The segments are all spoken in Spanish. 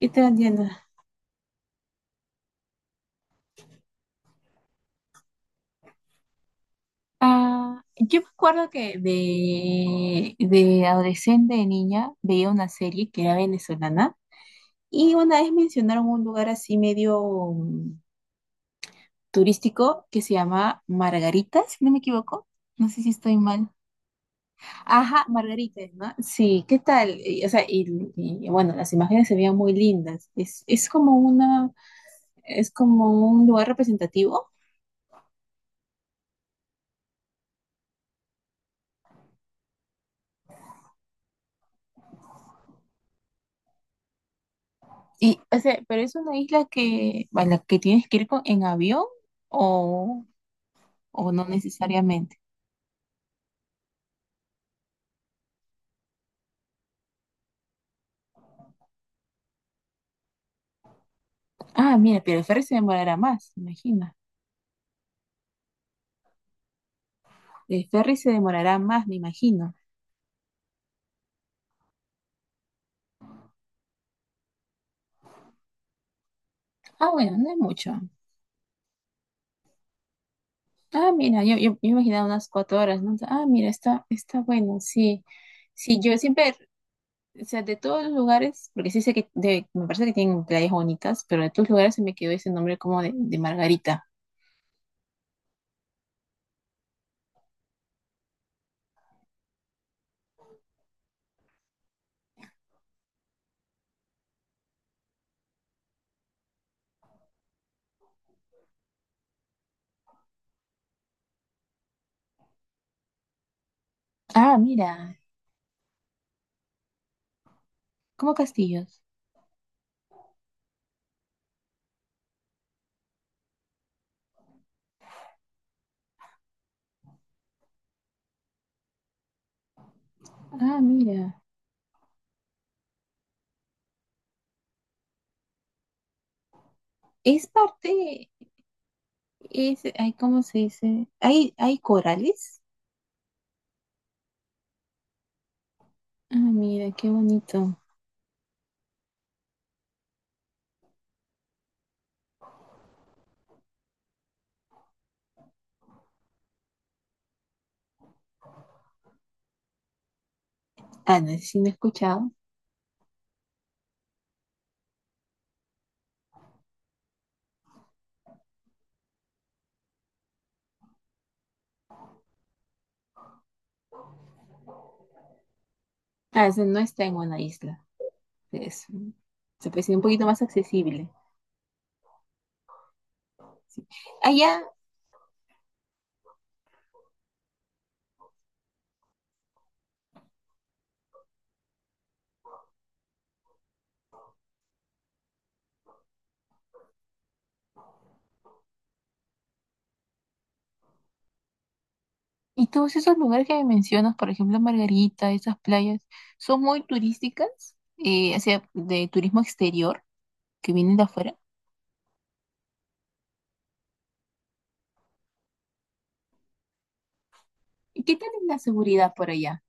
Y te entiendo. Ah, yo me acuerdo que de adolescente, de niña, veía una serie que era venezolana y una vez mencionaron un lugar así medio mm, turístico que se llama Margarita, si no me equivoco. No sé si estoy mal. Ajá, Margarita, ¿no? Sí, ¿qué tal? Bueno, las imágenes se veían muy lindas. Es como una, es como un lugar representativo. Pero es una isla a la que tienes que ir en avión, o, o no necesariamente. Ah, mira, pero el ferry se demorará más, me imagino. El ferry se demorará más, me imagino. Ah, bueno, no es mucho. Ah, mira, yo imaginaba unas 4 horas, ¿no? Ah, mira, está bueno, sí. Sí, yo siempre, o sea, de todos los lugares, porque sí sé que me parece que tienen playas bonitas, pero de todos los lugares se me quedó ese nombre como de Margarita. Ah, mira, como castillos. Ah, mira. Es parte, es, ay, ¿cómo se dice? Hay corales. Ah, mira, qué bonito. Ah, no sé, si no he escuchado. Ah, ese no está en una isla. Es, se parece un poquito más accesible. Allá, y todos esos lugares que me mencionas, por ejemplo, Margarita, esas playas, son muy turísticas, o sea, de turismo exterior, que vienen de afuera. ¿Y qué tal es la seguridad por allá?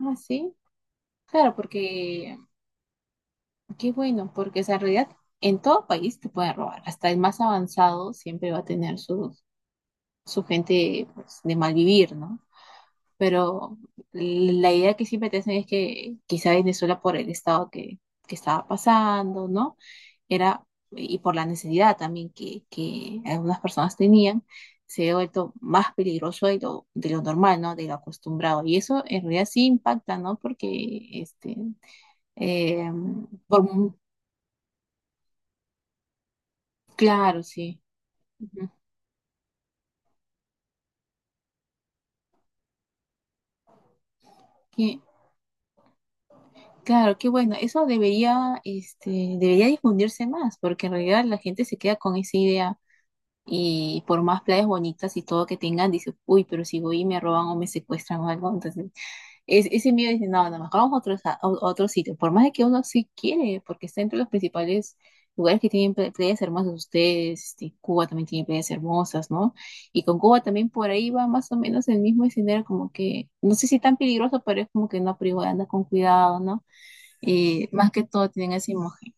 Ah, sí. Claro, porque qué bueno, porque esa realidad, en todo país te pueden robar. Hasta el más avanzado siempre va a tener su, su gente pues, de mal vivir, ¿no? Pero la idea que siempre te hacen es que quizá Venezuela por el estado que estaba pasando, ¿no? Era, y por la necesidad también que algunas personas tenían, se ha vuelto más peligroso de de lo normal, ¿no? De lo acostumbrado. Y eso en realidad sí impacta, ¿no? Porque, este, eh, por, claro, sí. Ujú. Que- claro, qué bueno. Eso debería, este, debería difundirse más, porque en realidad la gente se queda con esa idea y por más playas bonitas y todo que tengan, dice, uy, pero si voy y me roban o me secuestran o algo, entonces es, ese miedo dice, no, no, mejor vamos a otro, a otro sitio. Por más de que uno sí quiere, porque está entre los principales lugares que tienen playas hermosas ustedes. Este, Cuba también tiene playas hermosas, ¿no? Y con Cuba también por ahí va más o menos el mismo escenario, como que, no sé si tan peligroso, pero es como que no, pero igual anda con cuidado, ¿no? Y más que todo tienen ese imagen.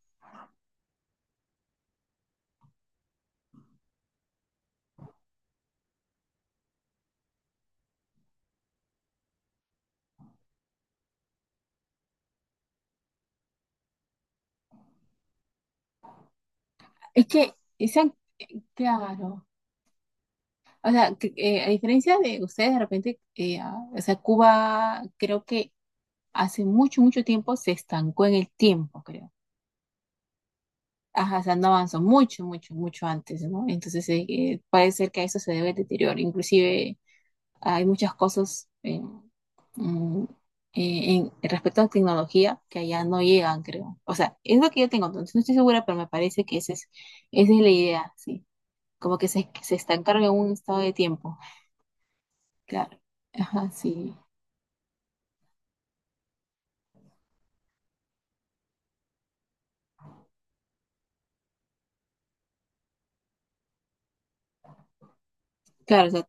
Es que, sean, claro. O sea, a diferencia de ustedes, de repente, ah, o sea, Cuba creo que hace mucho, mucho tiempo se estancó en el tiempo, creo. Ajá, o sea, no avanzó mucho, mucho, mucho antes, ¿no? Entonces puede ser que a eso se debe el deterioro. Inclusive hay muchas cosas en, mm, en- respecto a tecnología que allá no llegan, creo. O sea, es lo que yo tengo, entonces no estoy segura, pero me parece que esa es la idea, sí. Como que que se estancaron en un estado de tiempo. Claro. Ajá, sí. Claro, o sea,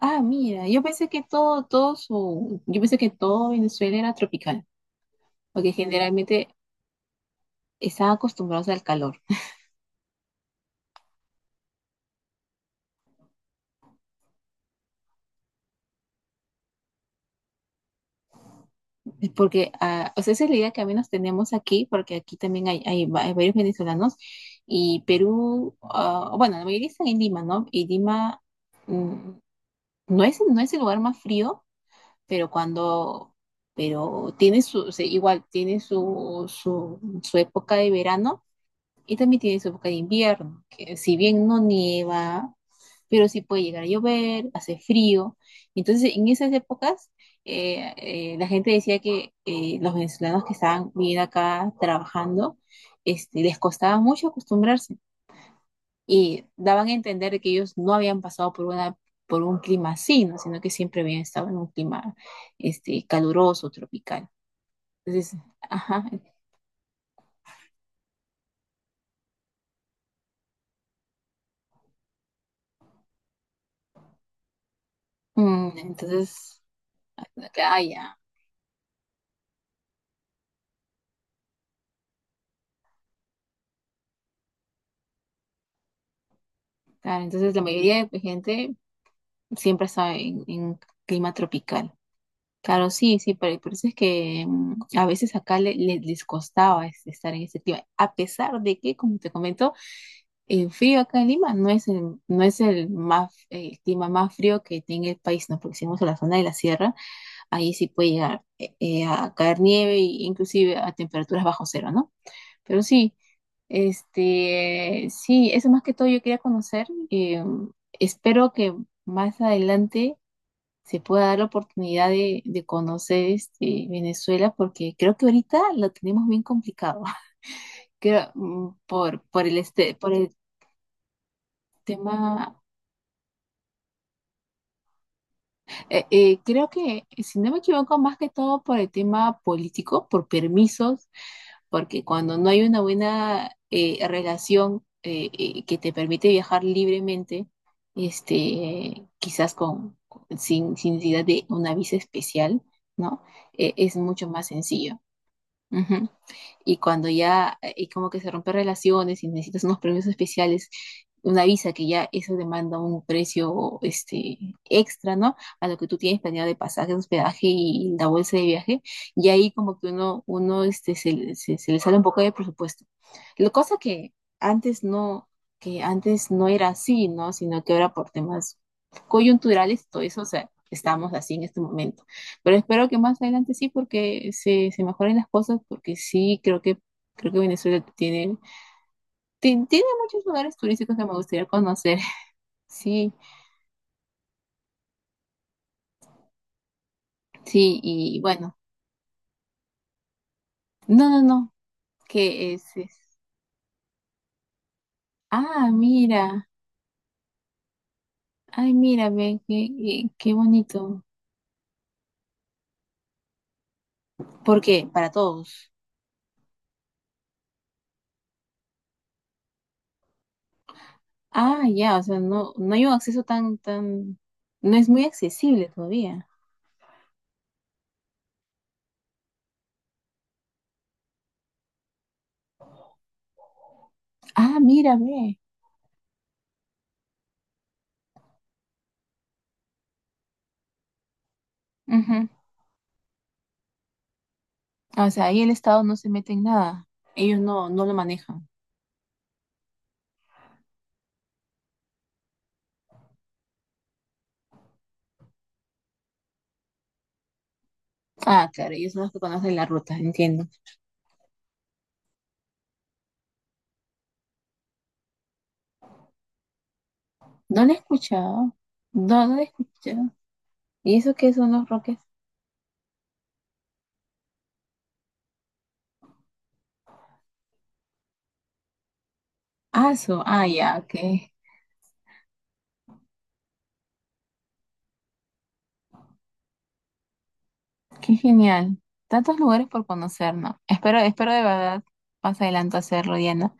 ah, mira, yo pensé que todo, todo su, yo pensé que todo Venezuela era tropical, porque generalmente están acostumbrados al calor. Porque, ah, o sea, esa es la idea que al menos tenemos aquí, porque aquí también hay, hay varios venezolanos y Perú, ah, bueno, la mayoría están en Lima, ¿no? Y Lima mm, no es, no es el lugar más frío, pero cuando, pero tiene su, o sea, igual tiene su época de verano y también tiene su época de invierno, que si bien no nieva, pero sí puede llegar a llover, hace frío. Entonces, en esas épocas, la gente decía que los venezolanos que estaban viviendo acá trabajando, este, les costaba mucho acostumbrarse y daban a entender que ellos no habían pasado por una, por un clima así, ¿no? Sino que siempre habían estado en un clima este, caluroso, tropical. Entonces, ajá, entonces, ah, ya, claro, entonces la mayoría de gente siempre está en clima tropical. Claro, sí, sí, pero por eso es que a veces acá les costaba estar en ese clima, a pesar de que, como te comento, el frío acá en Lima no es el, no es el más, el clima más frío que tiene el país, ¿no? Porque si vamos a la zona de la sierra, ahí sí puede llegar a caer nieve e inclusive a temperaturas bajo cero, ¿no? Pero sí, este, sí, eso más que todo yo quería conocer. Eh, espero que más adelante se pueda dar la oportunidad de conocer este, Venezuela, porque creo que ahorita lo tenemos bien complicado. Creo, por el, este, por el tema. Creo que, si no me equivoco, más que todo por el tema político, por permisos, porque cuando no hay una buena relación que te permite viajar libremente, este, quizás con, sin, sin necesidad de una visa especial, ¿no? Es mucho más sencillo. Ujú. Y cuando ya, y como que se rompen relaciones y necesitas unos premios especiales, una visa que ya eso demanda un precio este, extra, ¿no? A lo que tú tienes planeado de pasaje, hospedaje y la bolsa de viaje. Y ahí como que uno este, se le sale un poco de presupuesto. La cosa antes no, que antes no era así, ¿no? Sino que ahora por temas coyunturales, todo eso, o sea, estamos así en este momento. Pero espero que más adelante sí, porque se mejoren las cosas, porque sí, creo que Venezuela tiene, tiene muchos lugares turísticos que me gustaría conocer. Sí, sí, y bueno. No, no, no, que es- ah, mira, ay, mira, ve, qué, qué bonito. ¿Por qué? Para todos. Ah, ya, o sea, no, no hay un acceso tan, no es muy accesible todavía. Ah, mira, ve. Ujú. O sea, ahí el Estado no se mete en nada. Ellos no, no lo manejan. Ah, claro, ellos son los que conocen la ruta, entiendo. No la he escuchado. No, no la he escuchado. ¿Y eso qué son los Roques? Ah, eso. Ah, ya, qué, qué genial. Tantos lugares por conocer, ¿no? Espero, espero de verdad más adelante hacerlo, Diana.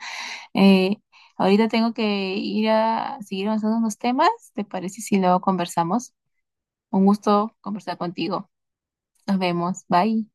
Eh, ahorita tengo que ir a seguir avanzando unos temas. ¿Te parece si luego conversamos? Un gusto conversar contigo. Nos vemos. Bye.